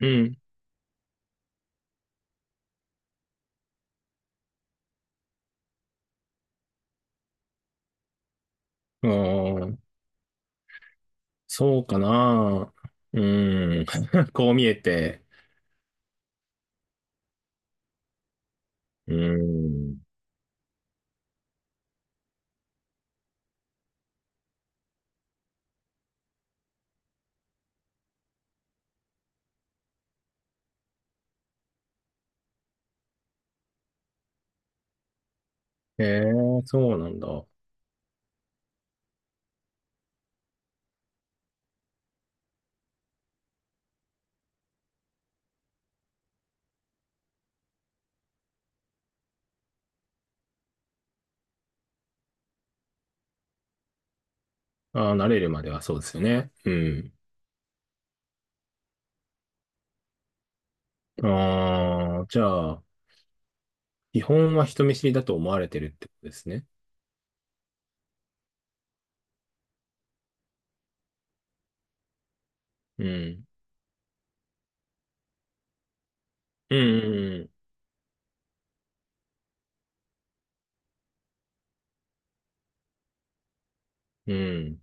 うん。ああ、そうかな。うん。こう見えて。うん。へえ、そうなんだ。ああ、慣れるまではそうですよね。うん。ああ、じゃあ、基本は人見知りだと思われてるってことですね。うんうんうんうん。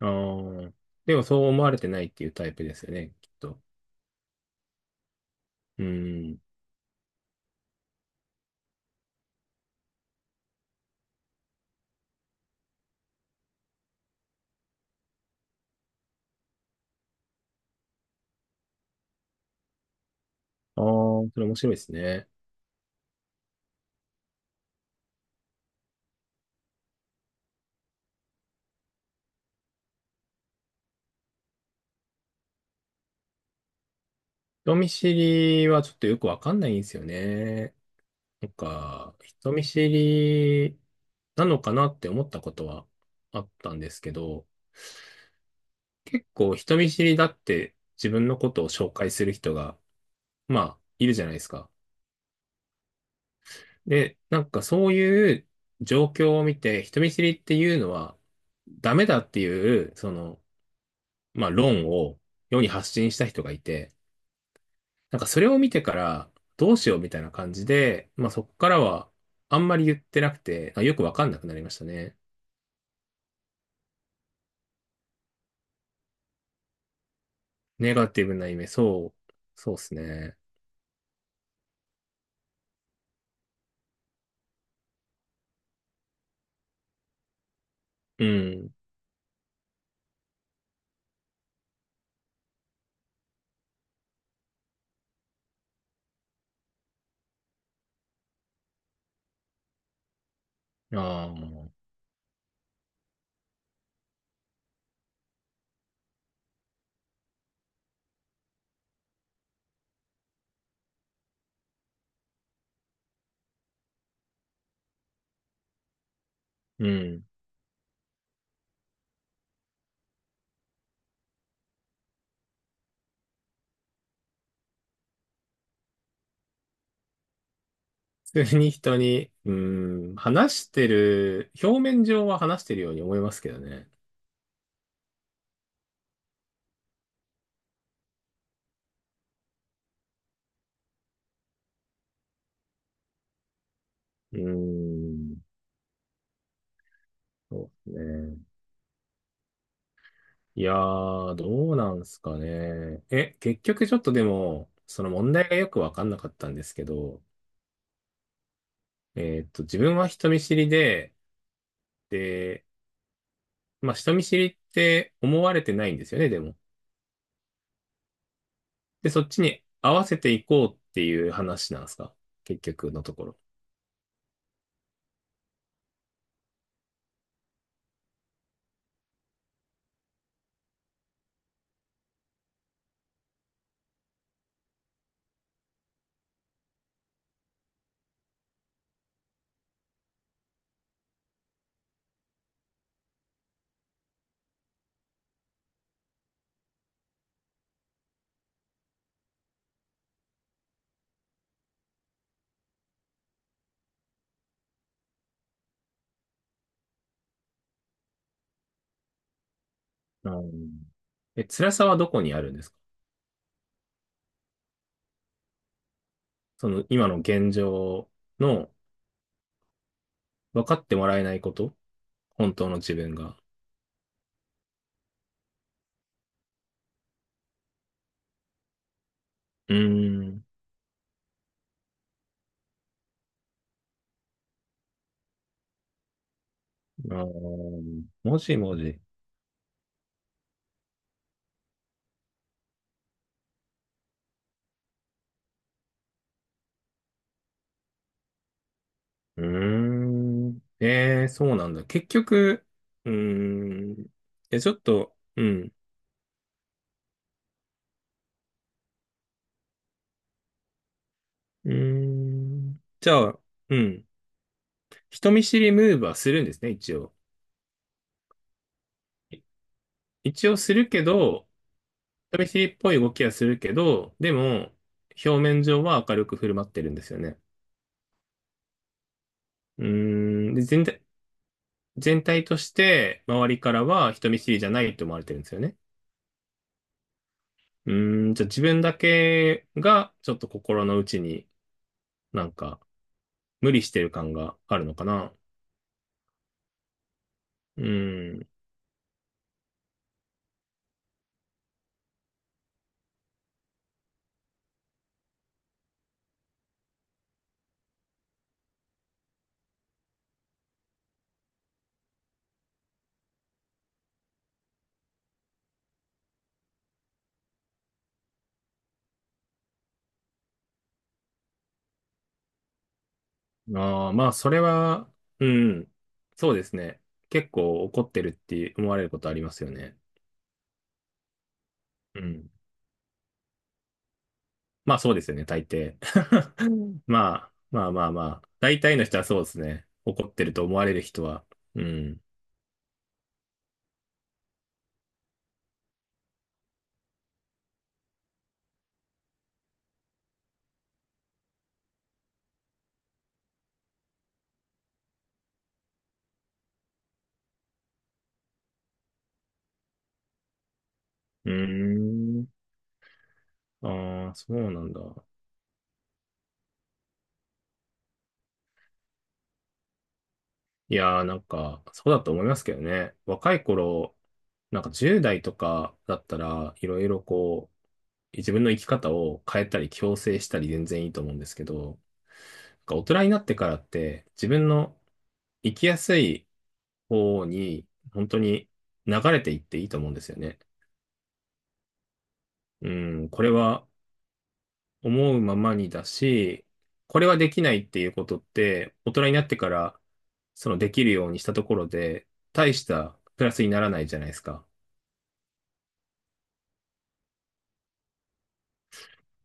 うん。ああ、でもそう思われてないっていうタイプですよね、きっと。うん。ああ、それ面白いですね。人見知りはちょっとよくわかんないんですよね。なんか、人見知りなのかなって思ったことはあったんですけど、結構人見知りだって自分のことを紹介する人が、まあ、いるじゃないですか。で、なんかそういう状況を見て、人見知りっていうのはダメだっていう、その、まあ論を世に発信した人がいて、なんかそれを見てからどうしようみたいな感じで、まあそこからはあんまり言ってなくて、あよくわかんなくなりましたね。ネガティブな意味、そう、そうですね。うん。ああ、うん。普通に人に、うん、話してる、表面上は話してるように思いますけどね。うーん、そうですね。いやー、どうなんすかね。え、結局ちょっとでも、その問題がよくわかんなかったんですけど、自分は人見知りで、で、まあ人見知りって思われてないんですよね、でも。で、そっちに合わせていこうっていう話なんですか結局のところ。うん。え、辛さはどこにあるんですか？その今の現状の、分かってもらえないこと、本当の自分が。うーん。あーもしもし。うーん。えー、そうなんだ。結局、うーん。え、ちょっと、うん。うーん。じゃあ、うん。人見知りムーブはするんですね、一応。い一応するけど、人見知りっぽい動きはするけど、でも、表面上は明るく振る舞ってるんですよね。うーん、で、全体、全体として周りからは人見知りじゃないと思われてるんですよね。うーん、じゃあ自分だけがちょっと心の内になんか無理してる感があるのかな。うーん、ああ、まあそれは、うん、そうですね。結構怒ってるって思われることありますよね。うん。まあそうですよね、大抵。うん。まあ、まあまあまあ。大体の人はそうですね。怒ってると思われる人は。うん。うーん。ああ、そうなんだ。いやーなんか、そうだと思いますけどね。若い頃、なんか10代とかだったら、いろいろこう、自分の生き方を変えたり、強制したり全然いいと思うんですけど、なんか大人になってからって、自分の生きやすい方に、本当に流れていっていいと思うんですよね。うん、これは思うままにだし、これはできないっていうことって、大人になってから、そのできるようにしたところで、大したプラスにならないじゃないですか。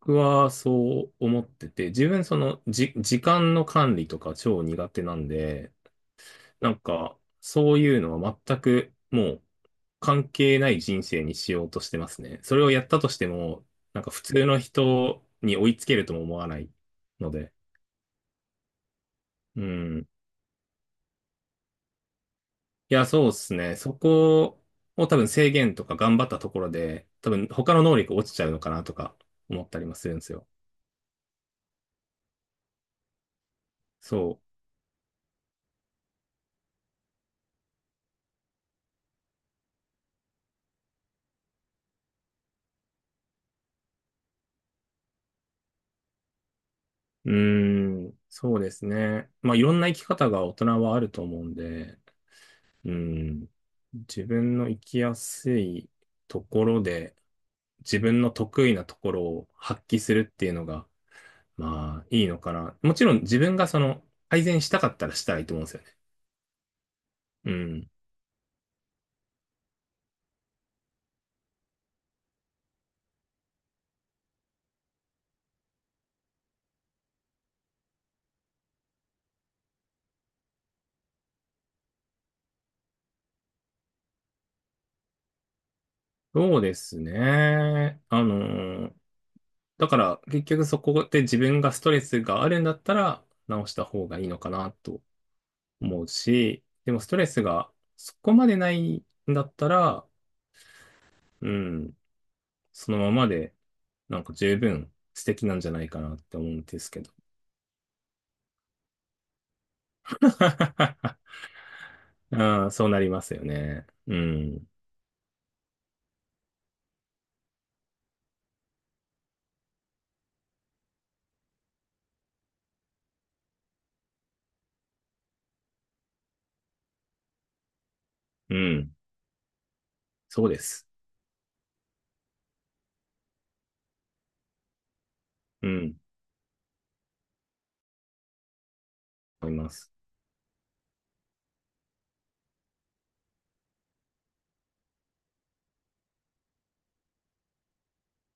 僕はそう思ってて、自分そのじ、時間の管理とか超苦手なんで、なんか、そういうのは全くもう関係ない人生にしようとしてますね。それをやったとしても、なんか普通の人に追いつけるとも思わないので、うん。いや、そうですね。そこを多分制限とか頑張ったところで、多分他の能力落ちちゃうのかなとか思ったりもするんですよ。そう。うーん、そうですね。まあいろんな生き方が大人はあると思うんで、うん、自分の生きやすいところで、自分の得意なところを発揮するっていうのが、まあいいのかな。もちろん自分がその改善したかったらしたらいいと思うんですよね。うん。そうですね。あのだから結局そこで自分がストレスがあるんだったら直した方がいいのかなと思うし、でもストレスがそこまでないんだったら、うん、そのままでなんか十分素敵なんじゃないかなって思うんですけど。ああそうなりますよね。うん、うん、そうです。うん、思います。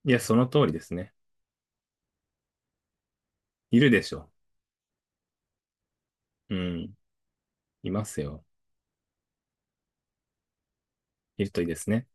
いや、その通りですね。いるでしょ。うん、いますよ。いるといいですね。